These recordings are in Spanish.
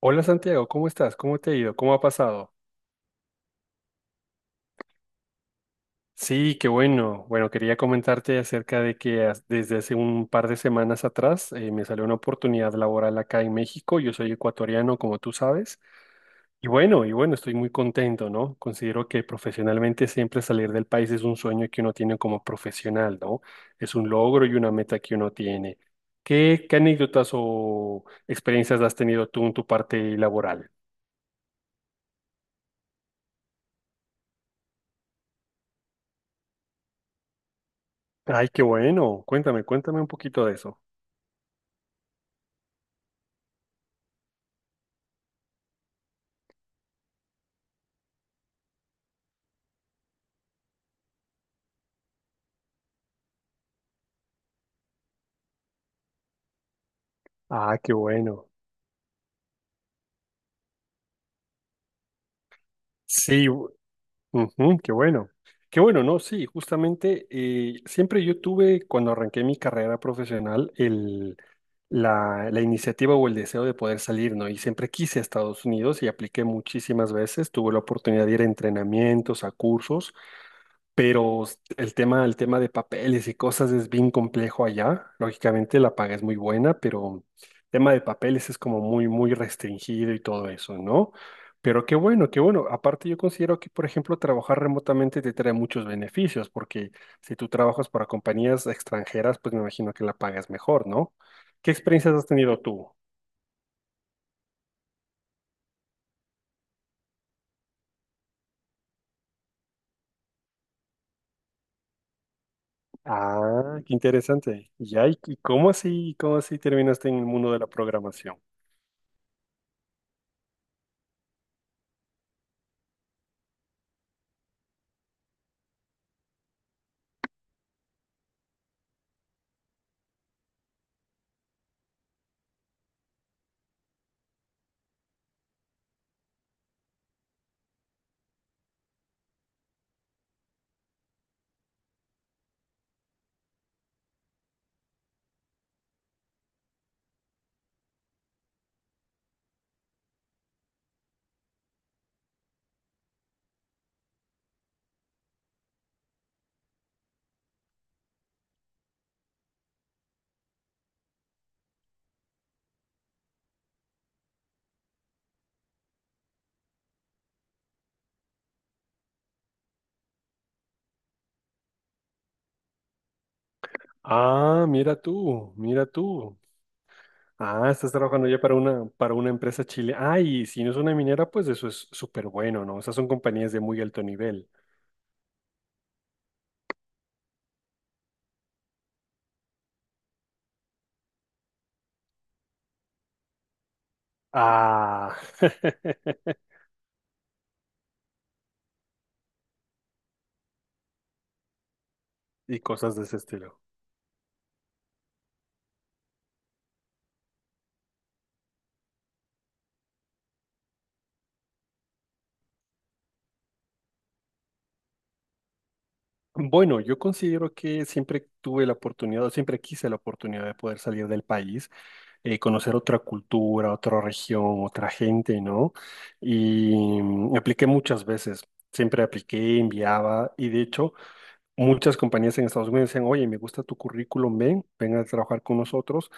Hola Santiago, ¿cómo estás? ¿Cómo te ha ido? ¿Cómo ha pasado? Sí, qué bueno. Bueno, quería comentarte acerca de que desde hace un par de semanas atrás me salió una oportunidad laboral acá en México. Yo soy ecuatoriano, como tú sabes. Y bueno, estoy muy contento, ¿no? Considero que profesionalmente siempre salir del país es un sueño que uno tiene como profesional, ¿no? Es un logro y una meta que uno tiene. ¿Qué anécdotas o experiencias has tenido tú en tu parte laboral? Ay, qué bueno. Cuéntame, cuéntame un poquito de eso. Ah, qué bueno. Sí, u- ujú, qué bueno. Qué bueno, ¿no? Sí, justamente siempre yo tuve, cuando arranqué mi carrera profesional, la iniciativa o el deseo de poder salir, ¿no? Y siempre quise a Estados Unidos y apliqué muchísimas veces. Tuve la oportunidad de ir a entrenamientos, a cursos. Pero el tema de papeles y cosas es bien complejo allá. Lógicamente la paga es muy buena, pero el tema de papeles es como muy, muy restringido y todo eso, ¿no? Pero qué bueno, qué bueno. Aparte yo considero que, por ejemplo, trabajar remotamente te trae muchos beneficios, porque si tú trabajas para compañías extranjeras, pues me imagino que la paga es mejor, ¿no? ¿Qué experiencias has tenido tú? Ah, qué interesante. Ya, ¿y cómo así terminaste en el mundo de la programación? Ah, mira tú, mira tú. Ah, estás trabajando ya para para una empresa chile. Ay, si no es una minera, pues eso es súper bueno, ¿no? Esas son compañías de muy alto nivel. Ah, y cosas de ese estilo. Bueno, yo considero que siempre tuve la oportunidad, o siempre quise la oportunidad de poder salir del país, conocer otra cultura, otra región, otra gente, ¿no? Y apliqué muchas veces. Siempre apliqué, enviaba, y de hecho. Muchas compañías en Estados Unidos decían, oye, me gusta tu currículum, ven, ven a trabajar con nosotros,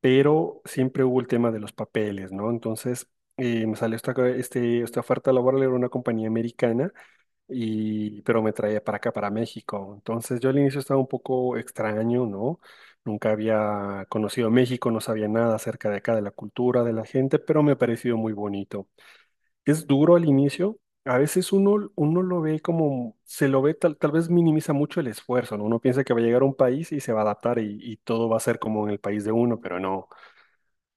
pero siempre hubo el tema de los papeles, ¿no? Entonces, me salió esta oferta laboral, era una compañía americana, y, pero me traía para acá, para México. Entonces, yo al inicio estaba un poco extraño, ¿no? Nunca había conocido México, no sabía nada acerca de acá, de la cultura, de la gente, pero me pareció muy bonito. Es duro al inicio. A veces uno lo ve como, se lo ve tal vez minimiza mucho el esfuerzo, ¿no? Uno piensa que va a llegar a un país y se va a adaptar y todo va a ser como en el país de uno, pero no.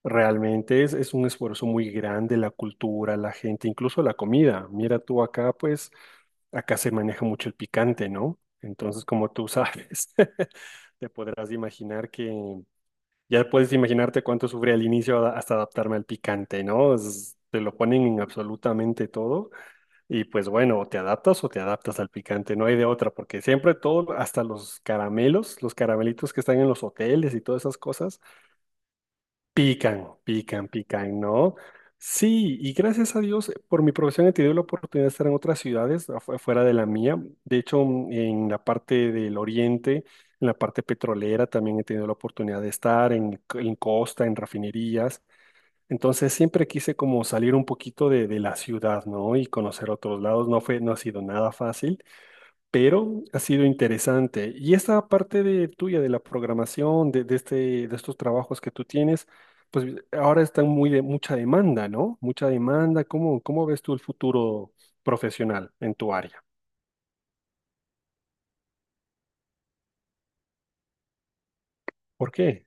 Realmente es un esfuerzo muy grande, la cultura, la gente, incluso la comida. Mira tú acá, pues acá se maneja mucho el picante, ¿no? Entonces, como tú sabes, te podrás imaginar que ya puedes imaginarte cuánto sufrí al inicio hasta adaptarme al picante, ¿no? Te lo ponen en absolutamente todo y pues bueno, o te adaptas al picante, no hay de otra, porque siempre todo, hasta los caramelos, los caramelitos que están en los hoteles y todas esas cosas, pican, pican, pican, ¿no? Sí, y gracias a Dios, por mi profesión he tenido la oportunidad de estar en otras ciudades fuera de la mía. De hecho, en la parte del oriente, en la parte petrolera, también he tenido la oportunidad de estar en costa, en refinerías. Entonces siempre quise como salir un poquito de la ciudad, ¿no? Y conocer otros lados. No ha sido nada fácil, pero ha sido interesante. Y esta parte de tuya, de la programación, de estos trabajos que tú tienes, pues ahora está muy de mucha demanda, ¿no? Mucha demanda. ¿Cómo ves tú el futuro profesional en tu área? ¿Por qué?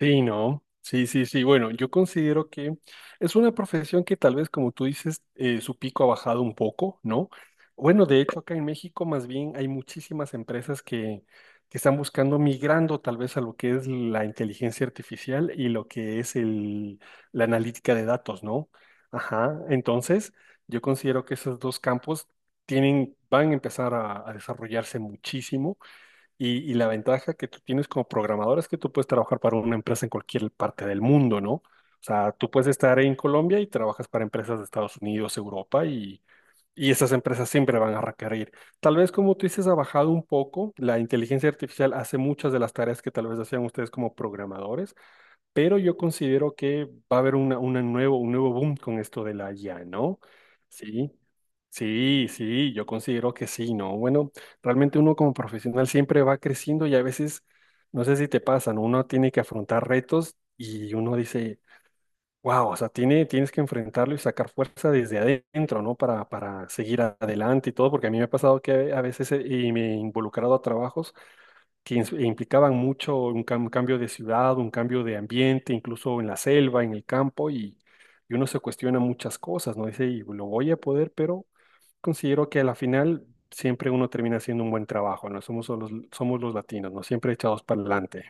Sí, no. Sí, sí, sí. Bueno, yo considero que es una profesión que tal vez, como tú dices, su pico ha bajado un poco, ¿no? Bueno, de hecho, acá en México más bien hay muchísimas empresas que están buscando migrando tal vez a lo que es la inteligencia artificial y lo que es la analítica de datos, ¿no? Ajá. Entonces, yo considero que esos dos campos tienen, van a empezar a desarrollarse muchísimo. Y la ventaja que tú tienes como programador es que tú puedes trabajar para una empresa en cualquier parte del mundo, ¿no? O sea, tú puedes estar en Colombia y trabajas para empresas de Estados Unidos, Europa, y esas empresas siempre van a requerir. Tal vez, como tú dices, ha bajado un poco. La inteligencia artificial hace muchas de las tareas que tal vez hacían ustedes como programadores, pero yo considero que va a haber un nuevo boom con esto de la IA, ¿no? Sí, sí, sí, yo considero que sí, ¿no? Bueno, realmente uno como profesional siempre va creciendo y a veces, no sé si te pasan, uno tiene que afrontar retos y uno dice, wow, o sea, tienes que enfrentarlo y sacar fuerza desde adentro, ¿no? Para seguir adelante y todo, porque a mí me ha pasado que a veces y me he involucrado a trabajos que implicaban mucho un cambio de ciudad, un cambio de ambiente, incluso en la selva, en el campo, y uno se cuestiona muchas cosas, ¿no? Dice, y lo voy a poder, pero considero que a la final siempre uno termina haciendo un buen trabajo, ¿no? Somos los latinos, ¿no? Siempre echados para adelante.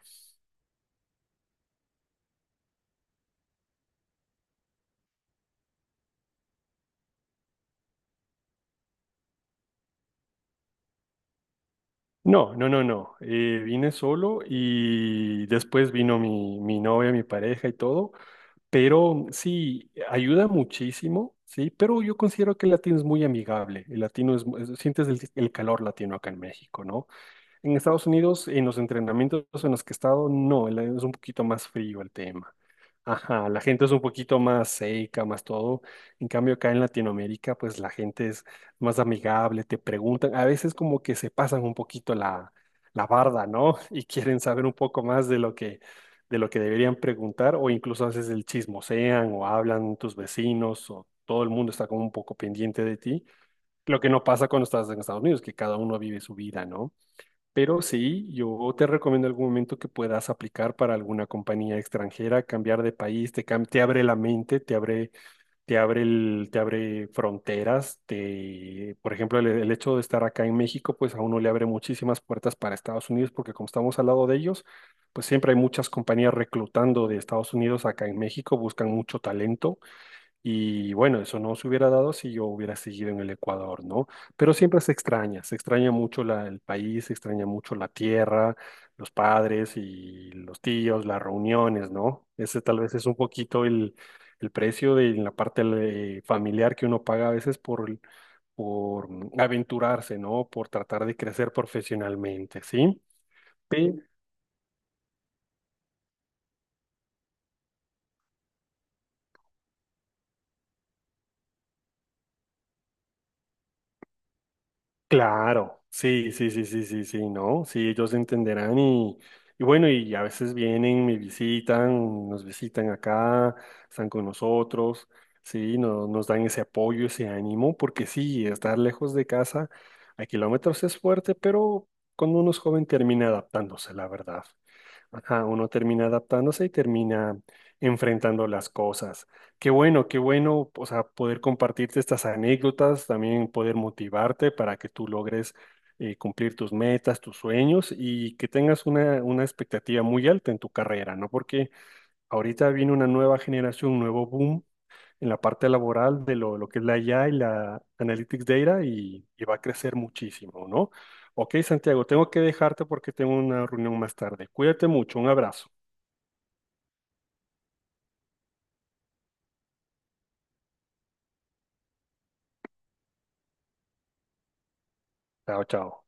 No, no, no, no. Vine solo y después vino mi novia, mi pareja y todo. Pero sí, ayuda muchísimo, sí, pero yo considero que el latino es muy amigable. El latino es, sientes el calor latino acá en México, ¿no? En Estados Unidos, en los entrenamientos en los que he estado, no, es un poquito más frío el tema. Ajá, la gente es un poquito más seca, más todo. En cambio, acá en Latinoamérica, pues la gente es más amigable, te preguntan, a veces como que se pasan un poquito la barda, ¿no? Y quieren saber un poco más de lo que deberían preguntar, o incluso a veces el chismosean o hablan tus vecinos, o todo el mundo está como un poco pendiente de ti. Lo que no pasa cuando estás en Estados Unidos, que cada uno vive su vida, ¿no? Pero sí, yo te recomiendo algún momento que puedas aplicar para alguna compañía extranjera, cambiar de país, te abre la mente, te abre fronteras, te, por ejemplo, el hecho de estar acá en México, pues a uno le abre muchísimas puertas para Estados Unidos, porque como estamos al lado de ellos, pues siempre hay muchas compañías reclutando de Estados Unidos acá en México, buscan mucho talento. Y bueno, eso no se hubiera dado si yo hubiera seguido en el Ecuador, ¿no? Pero siempre se extraña, el país, se extraña mucho la tierra, los padres y los tíos, las reuniones, ¿no? Ese tal vez es un poquito el precio de la parte familiar que uno paga a veces por aventurarse, ¿no? Por tratar de crecer profesionalmente, ¿sí? Claro, sí, sí, sí, sí, sí, sí, no, sí, ellos entenderán y bueno, y a veces vienen, me visitan, nos visitan acá, están con nosotros, sí, nos dan ese apoyo, ese ánimo, porque sí, estar lejos de casa a kilómetros es fuerte, pero cuando uno es joven termina adaptándose, la verdad. Ajá, uno termina adaptándose y termina enfrentando las cosas. Qué bueno, o sea, poder compartirte estas anécdotas, también poder motivarte para que tú logres cumplir tus metas, tus sueños y que tengas una expectativa muy alta en tu carrera, ¿no? Porque ahorita viene una nueva generación, un nuevo boom en la parte laboral de lo que es la IA y la Analytics Data y va a crecer muchísimo, ¿no? Ok, Santiago, tengo que dejarte porque tengo una reunión más tarde. Cuídate mucho, un abrazo. Chao, chao.